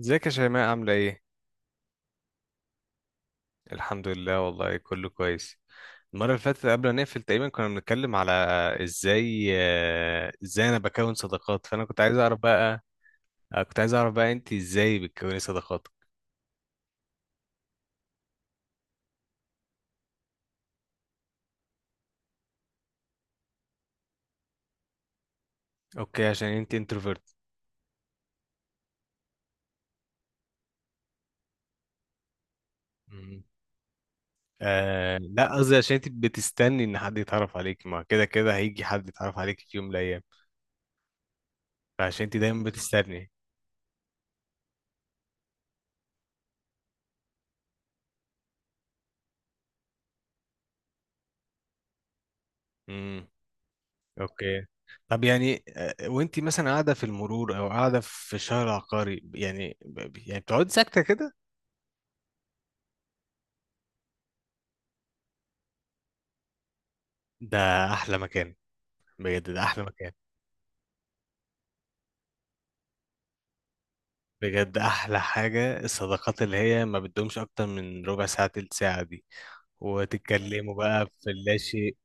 ازيك يا شيماء، عاملة ايه؟ الحمد لله، والله كله كويس. المرة اللي فاتت قبل ما نقفل تقريبا كنا بنتكلم على ازاي انا بكون صداقات، فانا كنت عايز اعرف بقى. كنت عايز اعرف بقى انت ازاي بتكوني صداقات. اوكي، عشان انت انتروفيرت. آه لا، قصدي عشان انت بتستني ان حد يتعرف عليك، ما كده كده هيجي حد يتعرف عليك في يوم من الايام، فعشان انت دايما بتستني. اوكي. طب يعني وانتي مثلا قاعده في المرور او قاعده في الشارع العقاري يعني، يعني بتقعدي ساكته كده. ده احلى مكان. بجد ده احلى مكان. بجد احلى حاجه الصداقات اللي هي ما بتدومش اكتر من ربع ساعه تلت ساعه دي، وتتكلموا بقى في اللاشيء.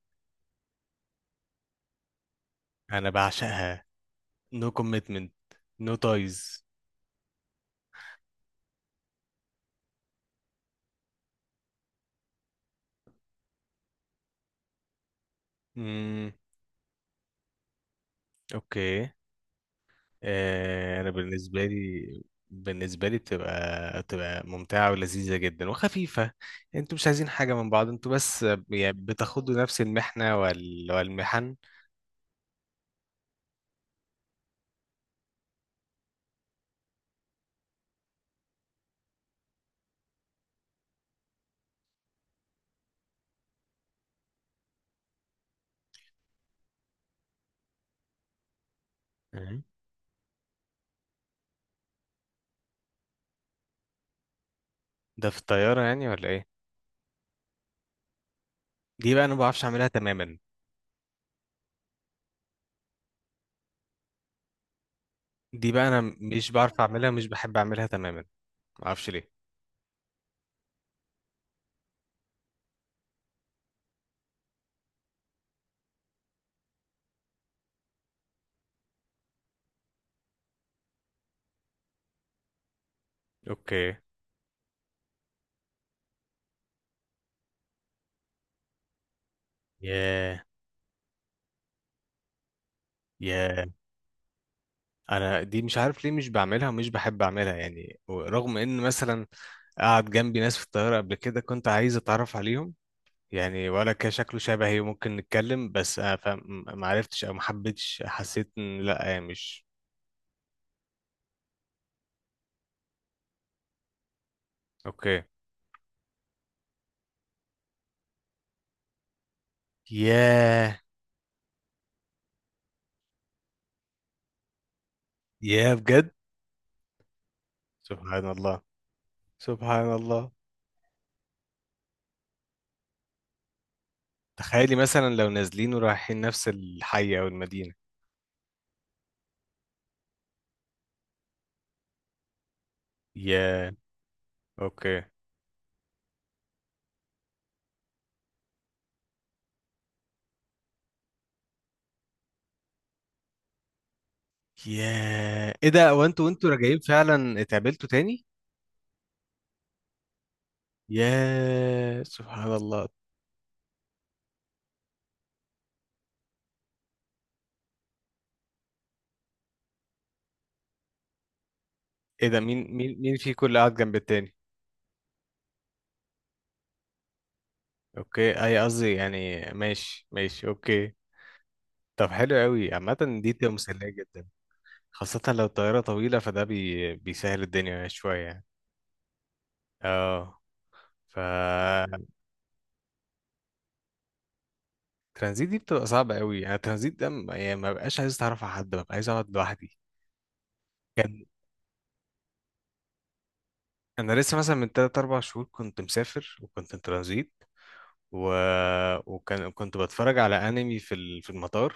انا بعشقها. نو كوميتمنت. نو تايز. امم. اوكي. انا بالنسبه لي بتبقى ممتعه ولذيذه جدا وخفيفه. انتوا مش عايزين حاجه من بعض، انتوا بس يعني بتاخدوا نفس المحنه والمحن. مم. ده في الطياره يعني ولا ايه؟ دي بقى انا ما بعرفش اعملها تماما. دي بقى انا مش بعرف اعملها، مش بحب اعملها تماما. ما اعرفش ليه. اوكي. ياه. ياه. انا دي مش عارف ليه مش بعملها ومش بحب اعملها، يعني رغم ان مثلا قعد جنبي ناس في الطياره قبل كده كنت عايز اتعرف عليهم، يعني ولا كان شكله شبهي وممكن نتكلم، بس ما عرفتش او ما حبيتش، حسيت ان لا مش. اوكي. ياه. ياه، بجد. سبحان الله. سبحان الله. تخيلي مثلا لو نازلين ورايحين نفس الحي او المدينة. ياه. اوكي. ياه، ايه ده، هو انتوا وانتوا راجعين فعلا اتقابلتوا تاني؟ ياه، سبحان الله. ايه ده، مين في كل قاعد جنب التاني؟ اوكي، اي قصدي يعني ماشي ماشي، اوكي. طب حلو قوي، عامة دي تبقى مسلية جدا. خاصة لو الطيارة طويلة فده بيسهل الدنيا شوية يعني. اه. ف الترانزيت دي بتبقى صعبة قوي، انا الترانزيت ده يعني ما بقاش عايز اتعرف على حد، ببقى عايز اقعد لوحدي. كان انا لسه مثلا من 3 4 شهور كنت مسافر وكنت ترانزيت. و... وكان كنت بتفرج على انمي في المطار.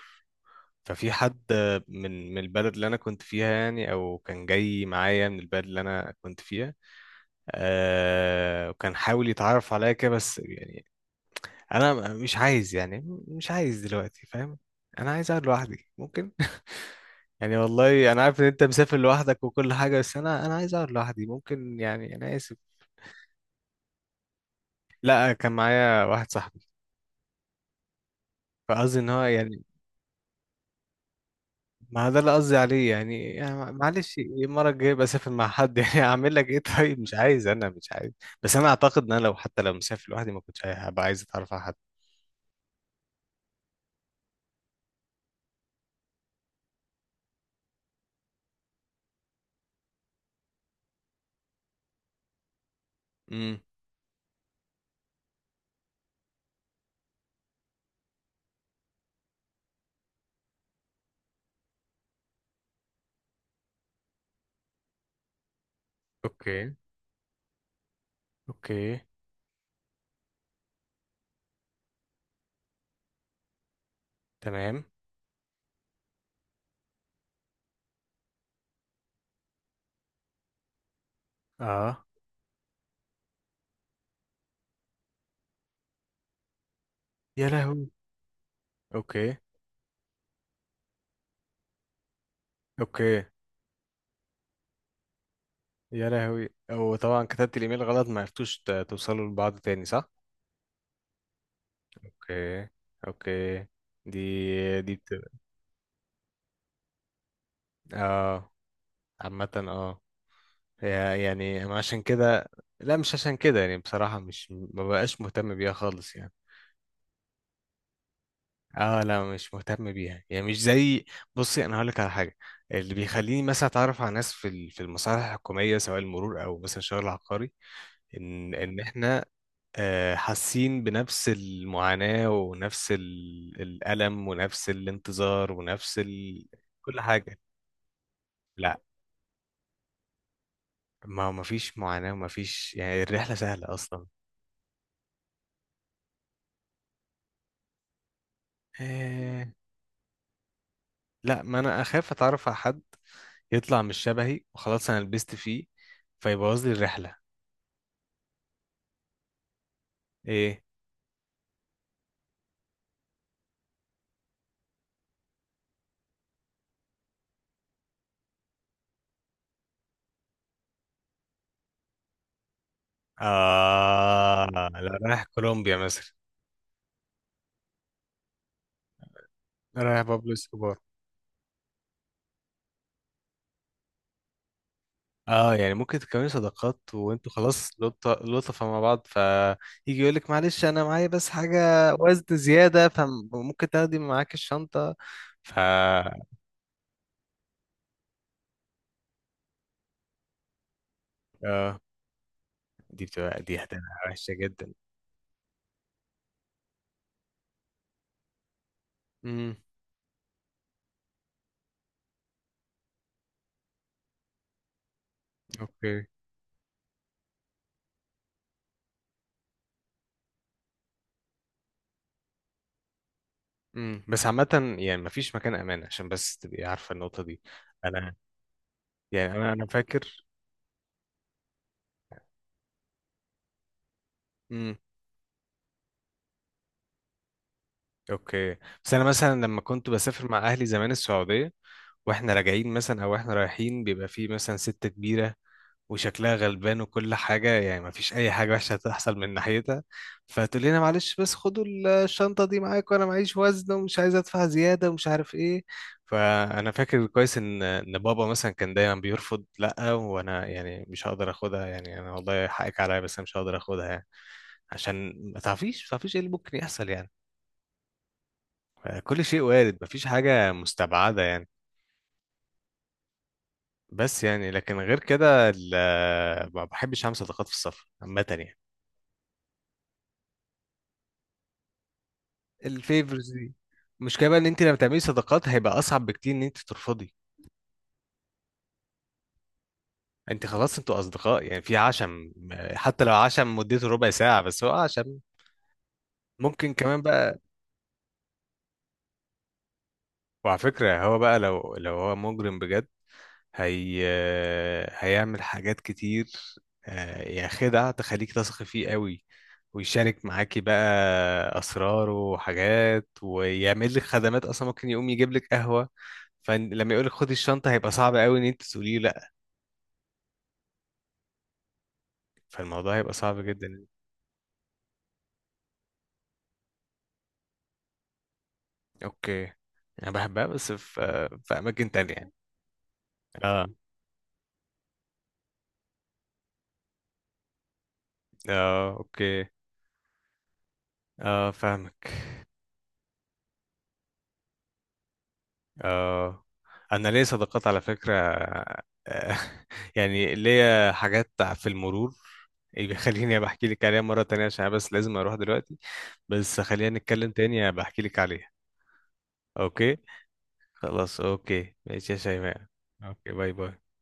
ففي حد من البلد اللي انا كنت فيها، يعني او كان جاي معايا من البلد اللي انا كنت فيها. وكان حاول يتعرف عليا كده، بس يعني انا مش عايز، يعني مش عايز دلوقتي، فاهم؟ انا عايز اقعد لوحدي ممكن. يعني والله انا عارف ان انت مسافر لوحدك وكل حاجه، بس انا عايز اقعد لوحدي ممكن، يعني انا اسف. لا كان معايا واحد صاحبي، فقصدي ان هو يعني ما ده اللي قصدي عليه يعني, يعني معلش، المره الجايه بسافر مع حد. يعني اعمل لك ايه، طيب؟ مش عايز، انا مش عايز. بس انا اعتقد ان انا حتى لو مسافر لوحدي ما كنتش هبقى عايز اتعرف على حد. امم. اوكي. اوكي. تمام. اه. يا لهوي. اوكي. اوكي. يا لهوي، او طبعا كتبت الايميل غلط ما عرفتوش توصلوا لبعض تاني، صح؟ اوكي. اوكي. دي دي بت... اه، عامة اه. يعني أنا عشان كده. لا، مش عشان كده، يعني بصراحة مش ما بقاش مهتم بيها خالص يعني. اه، لا مش مهتم بيها، يعني مش زي. بصي، انا هقولك على حاجة. اللي بيخليني مثلا اتعرف على ناس في المصالح الحكومية سواء المرور او مثلا شغل عقاري، ان احنا حاسين بنفس المعاناة ونفس الألم ونفس الانتظار ونفس كل حاجة. لا، ما فيش معاناة وما فيش، يعني الرحلة سهلة أصلا. آه، لا ما أنا أخاف أتعرف على حد يطلع مش شبهي، وخلاص أنا لبست فيه، فيبوظ لي الرحلة. إيه. آه لا، رايح كولومبيا مثلا. رايح بابلو اسكوبار. اه، يعني ممكن تكوني صداقات وانتوا خلاص لطفة مع بعض، فيجي يقول لك معلش انا معايا بس حاجة وزن زيادة، فممكن تاخدي معاك الشنطة. ف اه. دي هتبقى وحشة جدا. امم. اوكي. امم، بس عامة يعني مفيش مكان امان، عشان بس تبقي عارفة النقطة دي. انا، يعني انا فاكر. امم. اوكي. بس انا مثلا لما كنت بسافر مع اهلي زمان السعودية، واحنا راجعين مثلا او احنا رايحين، بيبقى فيه مثلا ست كبيرة وشكلها غلبان وكل حاجة، يعني مفيش أي حاجة وحشة هتحصل من ناحيتها، فتقول لنا معلش بس خدوا الشنطة دي معاك، وأنا معيش وزن ومش عايز أدفع زيادة ومش عارف إيه. فأنا فاكر كويس إن بابا مثلا كان دايما بيرفض، لأ وأنا يعني مش هقدر آخدها، يعني أنا والله حقك عليا بس أنا مش هقدر آخدها يعني، عشان ما تعرفيش، ما تعرفيش إيه اللي ممكن يحصل يعني. كل شيء وارد، مفيش حاجة مستبعدة يعني. بس يعني لكن غير كده ما بحبش أعمل صداقات في السفر عامة يعني. الفيفرز دي. المشكله بقى ان انت لما تعملي صداقات هيبقى اصعب بكتير ان انت ترفضي. انت خلاص انتوا اصدقاء يعني، في عشم. حتى لو عشم مدته ربع ساعه، بس هو عشم. ممكن كمان بقى. وعلى فكره هو بقى لو هو مجرم بجد، هي هيعمل حاجات كتير. يعني خدع تخليك تثقي فيه قوي، ويشارك معاكي بقى اسراره وحاجات، ويعمل لك خدمات اصلا ممكن يقوم يجيب لك قهوه. فلما يقول لك خدي الشنطه هيبقى صعب قوي ان انت تقولي له. فالموضوع هيبقى صعب جدا. اوكي. انا بحبها، بس في اماكن تانية يعني. اه. اه. اوكي. اه، فاهمك. اه. انا ليا صداقات على فكرة. آه، يعني ليا حاجات في المرور بيخليني بحكي لك عليها مرة تانية، عشان أنا بس لازم اروح دلوقتي، بس خلينا نتكلم تاني بحكي لك عليها. اوكي. خلاص اوكي ماشي يا شيماء. اوكي باي باي.